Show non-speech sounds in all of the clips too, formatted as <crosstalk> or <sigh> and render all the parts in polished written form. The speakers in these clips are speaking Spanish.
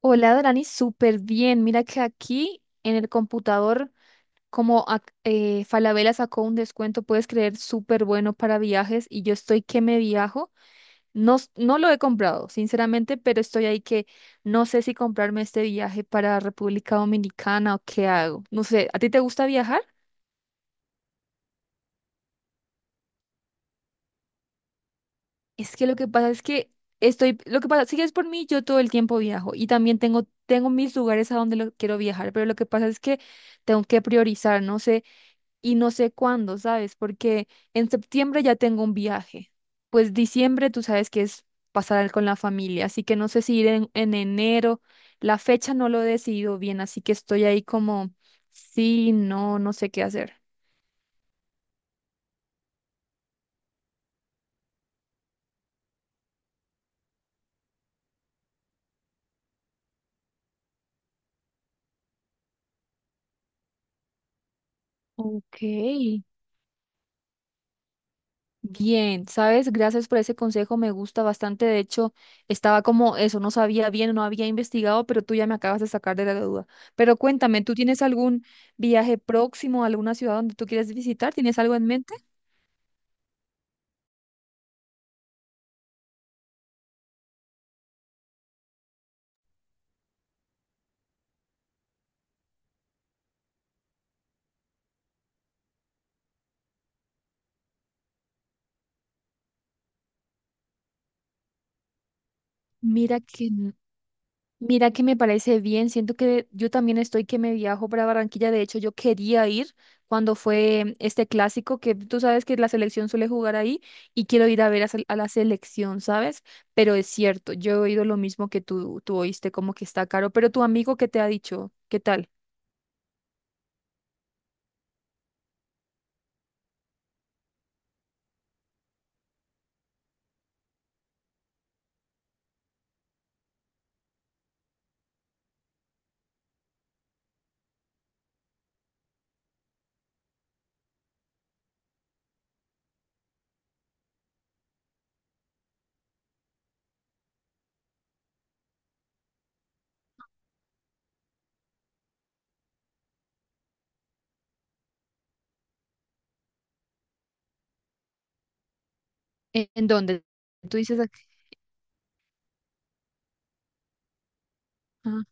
Hola, Dorani, súper bien. Mira que aquí en el computador, Falabella sacó un descuento, puedes creer, súper bueno para viajes y yo estoy que me viajo. No, no lo he comprado, sinceramente, pero estoy ahí que no sé si comprarme este viaje para República Dominicana o qué hago. No sé, ¿a ti te gusta viajar? Es que lo que pasa es que lo que pasa, si es por mí, yo todo el tiempo viajo y también tengo, tengo mis lugares a donde lo quiero viajar, pero lo que pasa es que tengo que priorizar, no sé. Y no sé cuándo, ¿sabes? Porque en septiembre ya tengo un viaje. Pues diciembre tú sabes que es pasar con la familia, así que no sé si ir en enero. La fecha no lo he decidido bien, así que estoy ahí como, sí, no, no sé qué hacer. Ok. Bien, sabes, gracias por ese consejo, me gusta bastante. De hecho, estaba como eso, no sabía bien, no había investigado, pero tú ya me acabas de sacar de la duda. Pero cuéntame, ¿tú tienes algún viaje próximo a alguna ciudad donde tú quieres visitar? ¿Tienes algo en mente? Mira mira que me parece bien. Siento que yo también estoy que me viajo para Barranquilla. De hecho, yo quería ir cuando fue este clásico que tú sabes que la selección suele jugar ahí y quiero ir a ver a la selección, ¿sabes? Pero es cierto, yo he oído lo mismo que tú oíste, como que está caro. Pero tu amigo, ¿qué te ha dicho? ¿Qué tal? ¿En dónde? Tú dices aquí. Ah.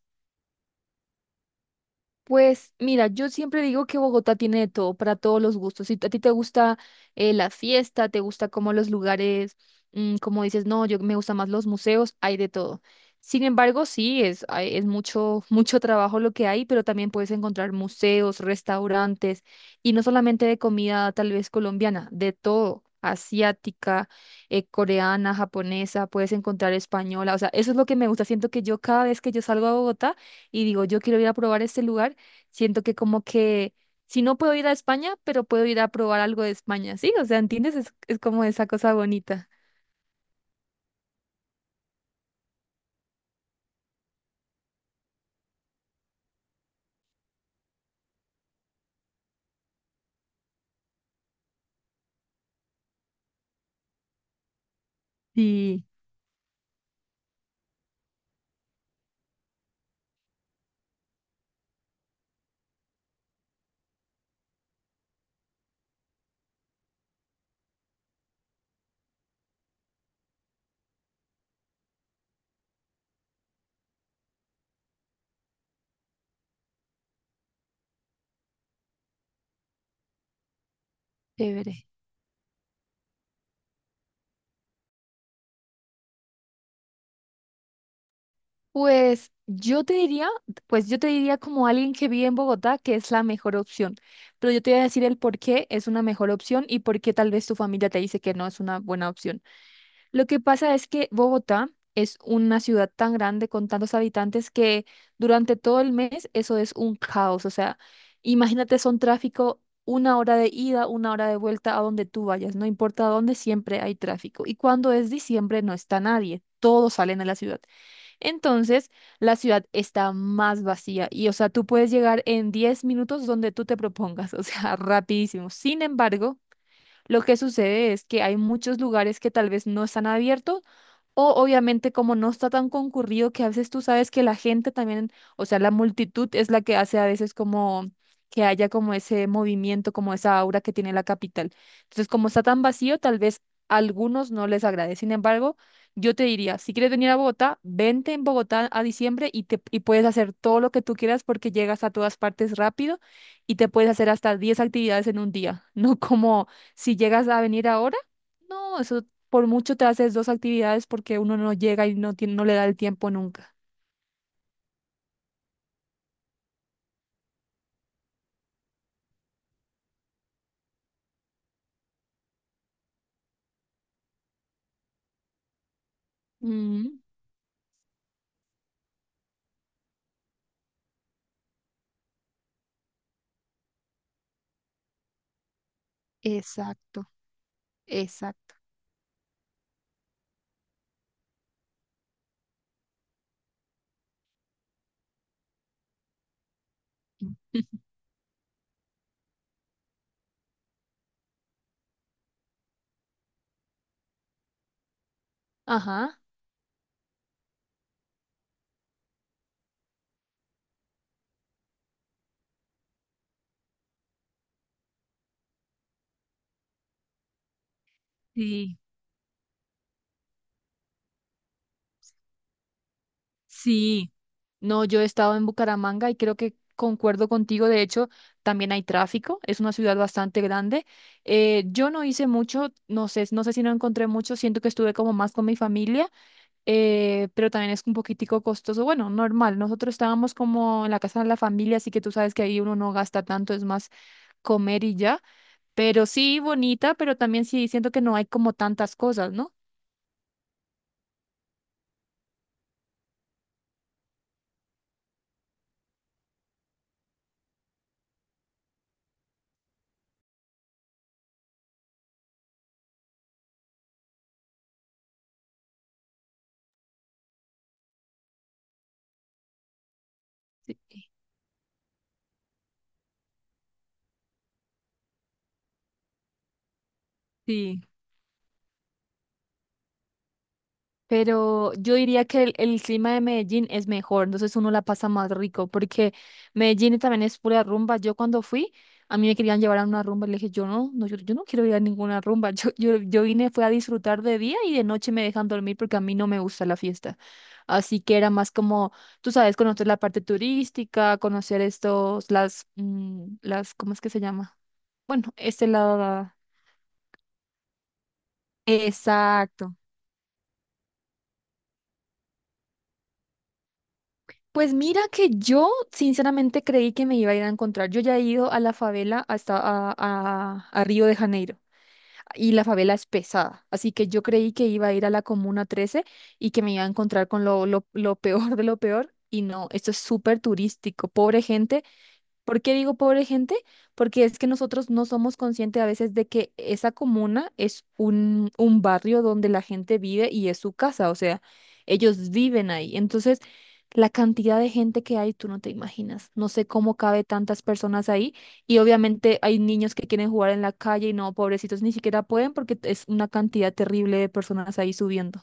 Pues mira, yo siempre digo que Bogotá tiene de todo para todos los gustos. Si a ti te gusta la fiesta, te gusta como los lugares, como dices, no, yo me gustan más los museos, hay de todo. Sin embargo, sí, es, es mucho, <laughs> mucho trabajo lo que hay, pero también puedes encontrar museos, restaurantes, y no solamente de comida tal vez colombiana, de todo, asiática, coreana, japonesa, puedes encontrar española. O sea, eso es lo que me gusta. Siento que yo cada vez que yo salgo a Bogotá, y digo, yo quiero ir a probar este lugar. Siento que como que si no puedo ir a España, pero puedo ir a probar algo de España, ¿sí? O sea, ¿entiendes? Es como esa cosa bonita. Sí. Chévere. Pues yo te diría, pues yo te diría como alguien que vive en Bogotá que es la mejor opción, pero yo te voy a decir el por qué es una mejor opción y por qué tal vez tu familia te dice que no es una buena opción. Lo que pasa es que Bogotá es una ciudad tan grande con tantos habitantes que durante todo el mes eso es un caos. O sea, imagínate, son tráfico una hora de ida, una hora de vuelta a donde tú vayas. No importa dónde, siempre hay tráfico. Y cuando es diciembre no está nadie. Todos salen a la ciudad. Entonces, la ciudad está más vacía y, o sea, tú puedes llegar en 10 minutos donde tú te propongas, o sea, <laughs> rapidísimo. Sin embargo, lo que sucede es que hay muchos lugares que tal vez no están abiertos o obviamente como no está tan concurrido que a veces tú sabes que la gente también, o sea, la multitud es la que hace a veces como que haya como ese movimiento, como esa aura que tiene la capital. Entonces, como está tan vacío, tal vez a algunos no les agrade. Sin embargo, yo te diría, si quieres venir a Bogotá, vente en Bogotá a diciembre y puedes hacer todo lo que tú quieras porque llegas a todas partes rápido y te puedes hacer hasta 10 actividades en un día, <laughs> no como si llegas a venir ahora. No, eso por mucho te haces dos actividades porque uno no llega y no tiene, no le da el tiempo nunca. Mm, exacto, exacto. <laughs> Ajá. Sí, sí. No, yo he estado en Bucaramanga y creo que concuerdo contigo. De hecho, también hay tráfico. Es una ciudad bastante grande. Yo no hice mucho, no sé, no sé si no encontré mucho. Siento que estuve como más con mi familia, pero también es un poquitico costoso. Bueno, normal. Nosotros estábamos como en la casa de la familia, así que tú sabes que ahí uno no gasta tanto. Es más, comer y ya, pero sí bonita, pero también sí siento que no hay como tantas cosas, ¿no? Sí. Sí. Pero yo diría que el clima de Medellín es mejor, entonces uno la pasa más rico, porque Medellín también es pura rumba. Yo cuando fui, a mí me querían llevar a una rumba, y le dije, yo no, no, yo no quiero ir a ninguna rumba, <laughs> yo vine, fue a disfrutar de día y de noche me dejan dormir porque a mí no me gusta la fiesta. Así que era más como, tú sabes, conocer la parte turística, conocer estos, las, las, ¿cómo es que se llama? Bueno, este lado daba. Exacto. Pues mira que yo sinceramente creí que me iba a ir a encontrar. Yo ya he ido a la favela hasta a Río de Janeiro y la favela es pesada. Así que yo creí que iba a ir a la Comuna 13 y que me iba a encontrar con lo, lo peor de lo peor. Y no, esto es súper turístico. Pobre gente. ¿Por qué digo pobre gente? Porque es que nosotros no somos conscientes a veces de que esa comuna es un barrio donde la gente vive y es su casa, o sea, ellos viven ahí. Entonces, la cantidad de gente que hay, tú no te imaginas. No sé cómo cabe tantas personas ahí. Y obviamente hay niños que quieren jugar en la calle y no, pobrecitos, ni siquiera pueden porque es una cantidad terrible de personas ahí subiendo.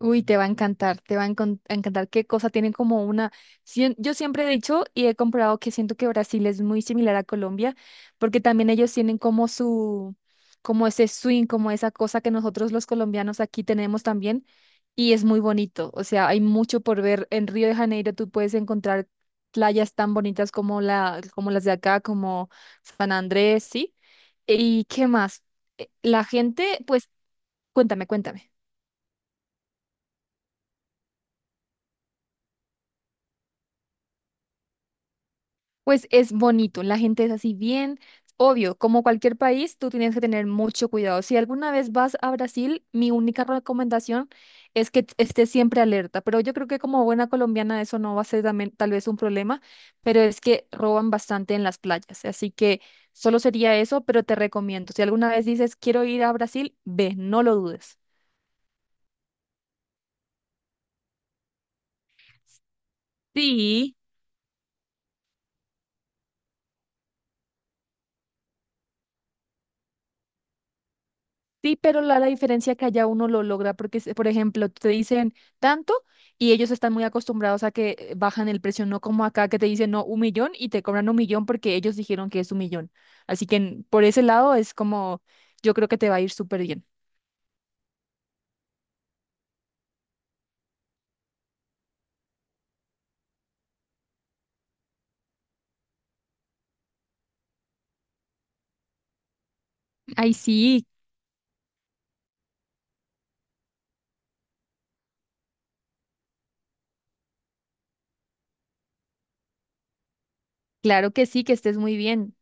Uy, te va a encantar, te va a a encantar qué cosa tienen como una... Yo siempre he dicho y he comprobado que siento que Brasil es muy similar a Colombia, porque también ellos tienen como su, como ese swing, como esa cosa que nosotros los colombianos aquí tenemos también, y es muy bonito. O sea, hay mucho por ver. En Río de Janeiro tú puedes encontrar playas tan bonitas como la, como las de acá, como San Andrés, ¿sí? ¿Y qué más? La gente, pues, cuéntame, cuéntame. Pues es bonito, la gente es así bien, obvio, como cualquier país, tú tienes que tener mucho cuidado. Si alguna vez vas a Brasil, mi única recomendación es que estés siempre alerta, pero yo creo que como buena colombiana eso no va a ser también, tal vez un problema, pero es que roban bastante en las playas, así que solo sería eso, pero te recomiendo, si alguna vez dices quiero ir a Brasil, ve, no lo dudes. Sí. Sí, pero la diferencia que allá uno lo logra, porque, por ejemplo, te dicen tanto y ellos están muy acostumbrados a que bajan el precio, no como acá que te dicen no, un millón y te cobran un millón porque ellos dijeron que es un millón. Así que por ese lado es como, yo creo que te va a ir súper bien. Ay, sí, claro que sí, que estés muy bien.